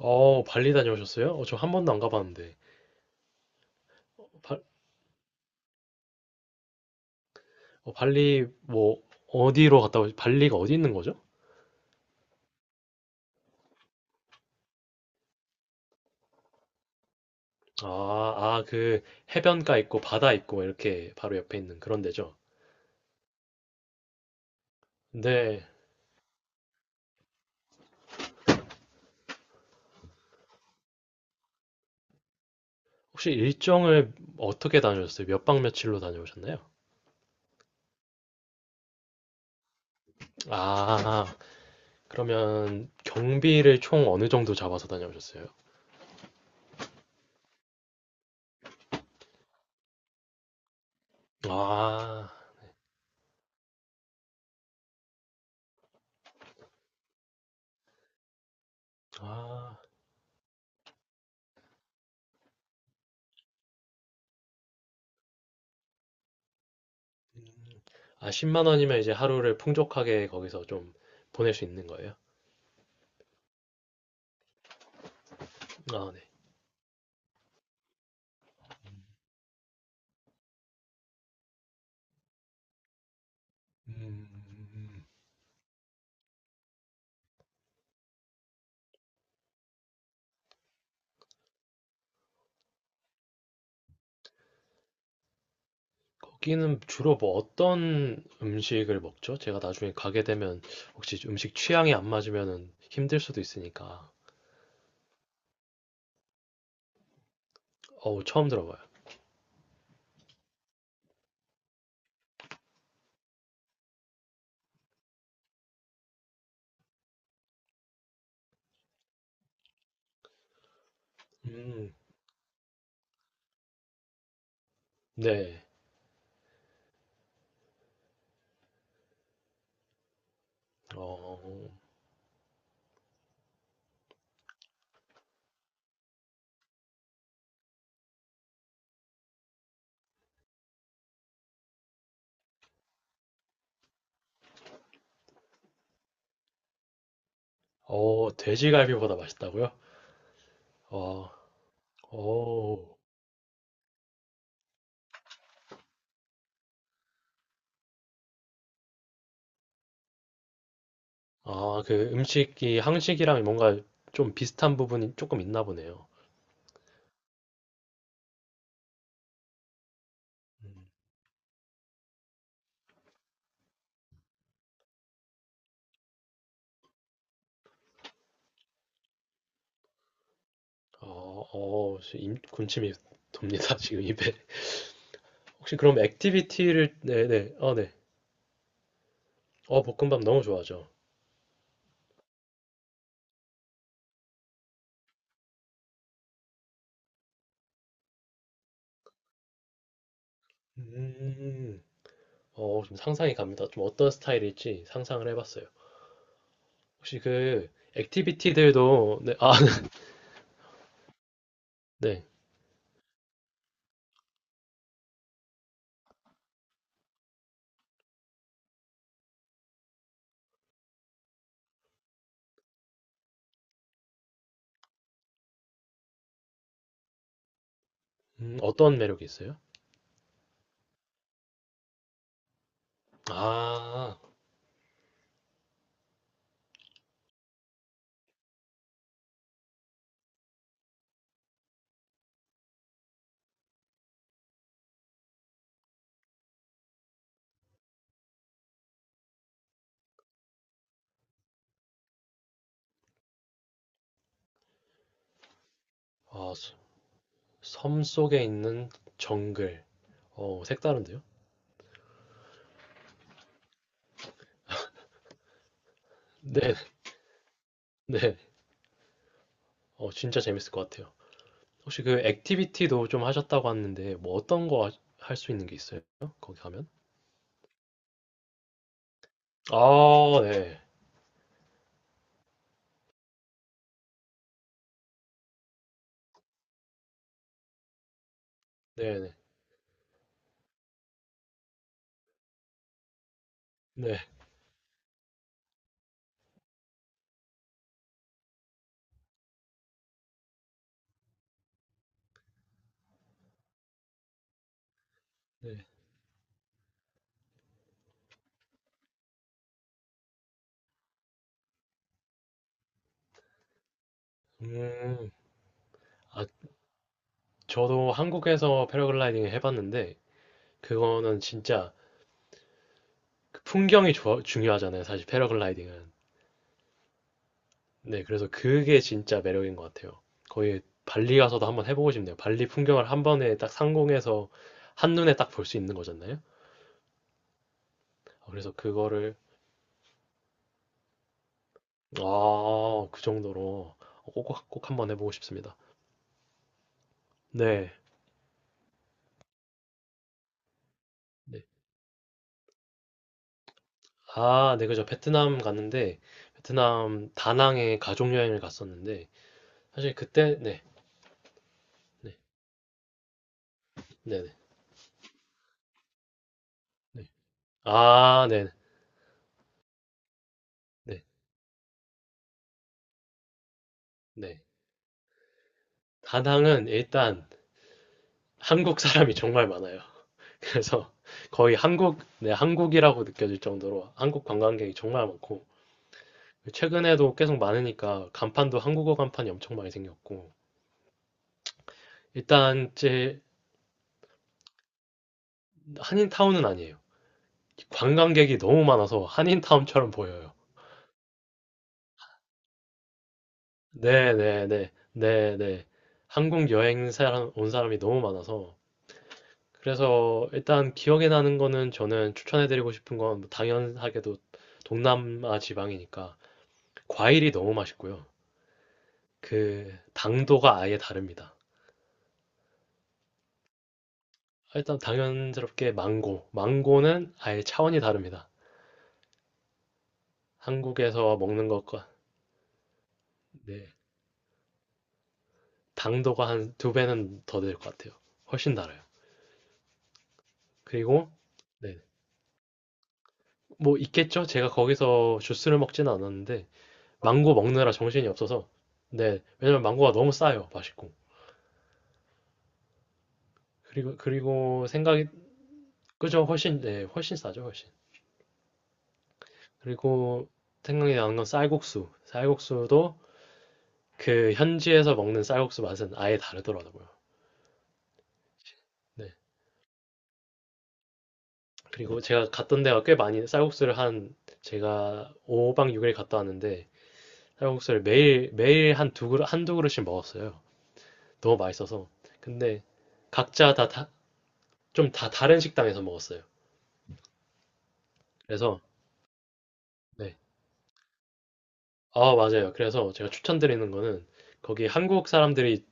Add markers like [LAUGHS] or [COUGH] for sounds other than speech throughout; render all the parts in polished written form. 발리 다녀오셨어요? 저 한 번도 안 가봤는데. 발, 발리, 뭐, 발리가 어디 있는 거죠? 아, 아, 해변가 있고, 바다 있고, 이렇게 바로 옆에 있는 그런 데죠? 근데, 혹시 일정을 어떻게 다녀오셨어요? 몇 박 며칠로 다녀오셨나요? 아, 그러면 경비를 총 어느 정도 잡아서 다녀오셨어요? 아, 아, 아, 10만 원이면 이제 하루를 풍족하게 거기서 좀 보낼 수 있는 거예요? 아, 네. 거기는 주로 뭐 어떤 음식을 먹죠? 제가 나중에 가게 되면 혹시 음식 취향이 안 맞으면 힘들 수도 있으니까. 어우, 처음 들어봐요. 음, 네. 어, 돼지갈비보다 맛있다고요? 어, 어, 아, 그 음식이 한식이랑 뭔가 좀 비슷한 부분이 조금 있나 보네요. 음, 어, 군침이 돕니다, [LAUGHS] 지금 입에. 혹시 그럼 액티비티를, 네네, 네. 볶음밥 너무 좋아하죠. 음, 좀 상상이 갑니다. 좀 어떤 스타일일지 상상을 해봤어요. 혹시 그 액티비티들도 네, 아, [LAUGHS] 네. 어떤 매력이 있어요? 아, 아, 섬 속에 있는 정글. 색다른데요? 네, 네. 진짜 재밌을 것 같아요. 혹시 그 액티비티도 좀 하셨다고 하는데 뭐 어떤 거 할 수 있는 게 있어요? 거기 가면? 아, 네. 네, 네. 네. 네. 음. 아, 저도 한국에서 패러글라이딩을 해봤는데 그거는 진짜 그 풍경이 중요하잖아요. 사실 패러글라이딩은. 네, 그래서 그게 진짜 매력인 것 같아요. 거의 발리 가서도 한번 해보고 싶네요. 발리 풍경을 한 번에 딱 상공에서 한눈에 딱 볼 수 있는 거잖아요. 어, 그래서 그거를 아, 그 정도로 꼭 꼭 꼭 한번 해보고 싶습니다. 네. 네. 아, 네, 그죠. 베트남 다낭에 가족 여행을 갔었는데 사실 그때 네, 네, 네, 네, 네. 아, 네, 네, 네. 다낭은 일단 한국 사람이 정말 많아요. [LAUGHS] 그래서 거의 한국, 네, 한국이라고 느껴질 정도로 한국 관광객이 정말 많고, 최근에도 계속 많으니까 간판도 한국어 간판이 엄청 많이 생겼고, 일단 제, 한인타운은 아니에요. 관광객이 너무 많아서 한인타운처럼 보여요. 네네네, 네네. 온 사람이 너무 많아서. 그래서 일단 기억에 나는 거는 저는 추천해드리고 싶은 건 당연하게도 동남아 지방이니까 과일이 너무 맛있고요. 그 당도가 아예 다릅니다. 일단 당연스럽게 망고. 망고는 아예 차원이 다릅니다. 한국에서 먹는 것과, 네, 당도가 한 두 배는 더 될 것 같아요. 훨씬 달아요. 그리고, 네, 뭐 있겠죠? 제가 거기서 주스를 먹진 않았는데 망고 먹느라 정신이 없어서, 네, 왜냐면 망고가 너무 싸요. 맛있고. 그리고 생각이, 그죠? 훨씬, 네, 훨씬 싸죠, 훨씬. 그리고 생각이 나는 건 쌀국수. 쌀국수도 그 현지에서 먹는 쌀국수 맛은 아예 다르더라고요. 네. 그리고 제가 갔던 데가 꽤 많이 쌀국수를 한, 제가 5박 6일 갔다 왔는데 쌀국수를 매일 매일 한 두 그릇 한두 그릇씩 먹었어요. 너무 맛있어서. 근데 각자 다 다 좀 다 다른 식당에서 먹었어요. 그래서 네. 아, 맞아요. 그래서 제가 추천드리는 거는 거기 한국 사람들이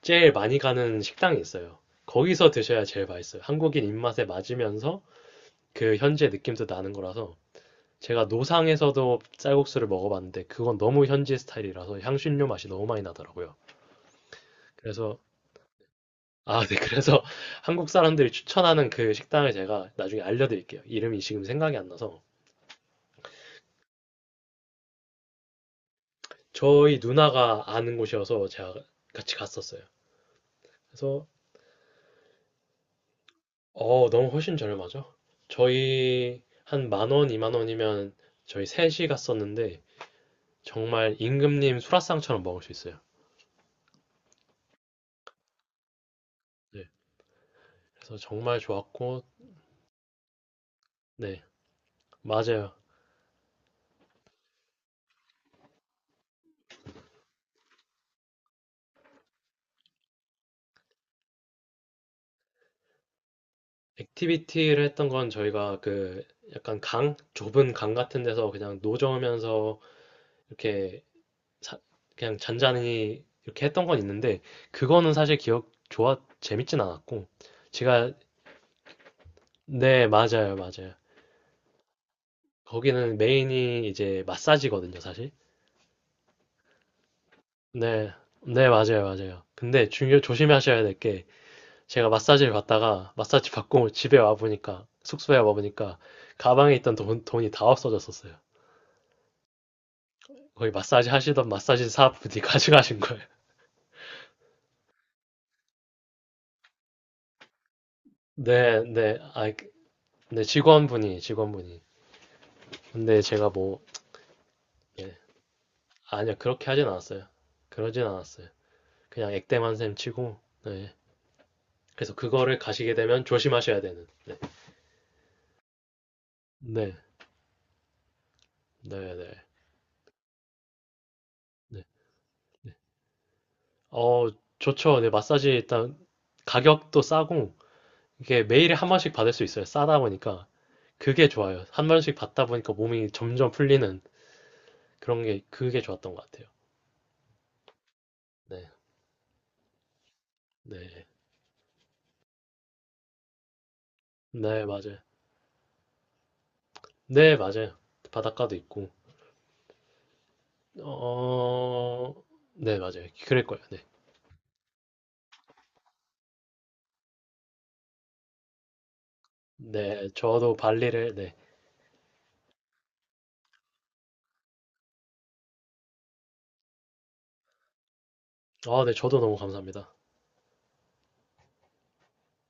제일 많이 가는 식당이 있어요. 거기서 드셔야 제일 맛있어요. 한국인 입맛에 맞으면서 그 현지의 느낌도 나는 거라서 제가 노상에서도 쌀국수를 먹어봤는데 그건 너무 현지 스타일이라서 향신료 맛이 너무 많이 나더라고요. 그래서, 아, 네. 그래서 [LAUGHS] 한국 사람들이 추천하는 그 식당을 제가 나중에 알려드릴게요. 이름이 지금 생각이 안 나서 저희 누나가 아는 곳이어서 제가 같이 갔었어요. 그래서 너무 훨씬 저렴하죠? 저희 한 만 원, 이만 원이면 저희 셋이 갔었는데 정말 임금님 수라상처럼 먹을 수 있어요. 네. 그래서 정말 좋았고 네. 맞아요. 액티비티를 했던 건 저희가 그 약간 좁은 강 같은 데서 그냥 노저으면서 이렇게 사- 그냥 잔잔히 이렇게 했던 건 있는데 그거는 사실 기억 좋아 재밌진 않았고 제가, 네, 맞아요. 맞아요. 거기는 메인이 이제 마사지거든요, 사실. 네. 네, 맞아요. 맞아요. 근데 중요 조심하셔야 될 게 제가 마사지를 받다가 마사지 받고 [LAUGHS] 집에 와 보니까 숙소에 와 보니까 가방에 있던 돈이 다 없어졌었어요. 거기 마사지 하시던 마사지 사분이 가져가신 거예요. [LAUGHS] 네, 네, 아, 네, 직원분이. 근데 제가 뭐, 예, 아니요, 그렇게 하진 않았어요. 그러진 않았어요. 그냥 액땜한 셈 치고, 네. 그래서 그거를 가시게 되면 조심하셔야 되는, 네. 네, 네, 네, 네, 네. 어, 좋죠. 네, 마사지 일단 가격도 싸고, 이게 매일에 한 번씩 받을 수 있어요. 싸다 보니까. 그게 좋아요. 한 번씩 받다 보니까 몸이 점점 풀리는 그런 게, 그게 좋았던 것 같아요. 네. 네. 네 맞아요. 네 맞아요. 바닷가도 있고. 어 네 맞아요. 그럴 거예요. 네. 네 저도 발리를 네. 아 네 저도 너무 감사합니다.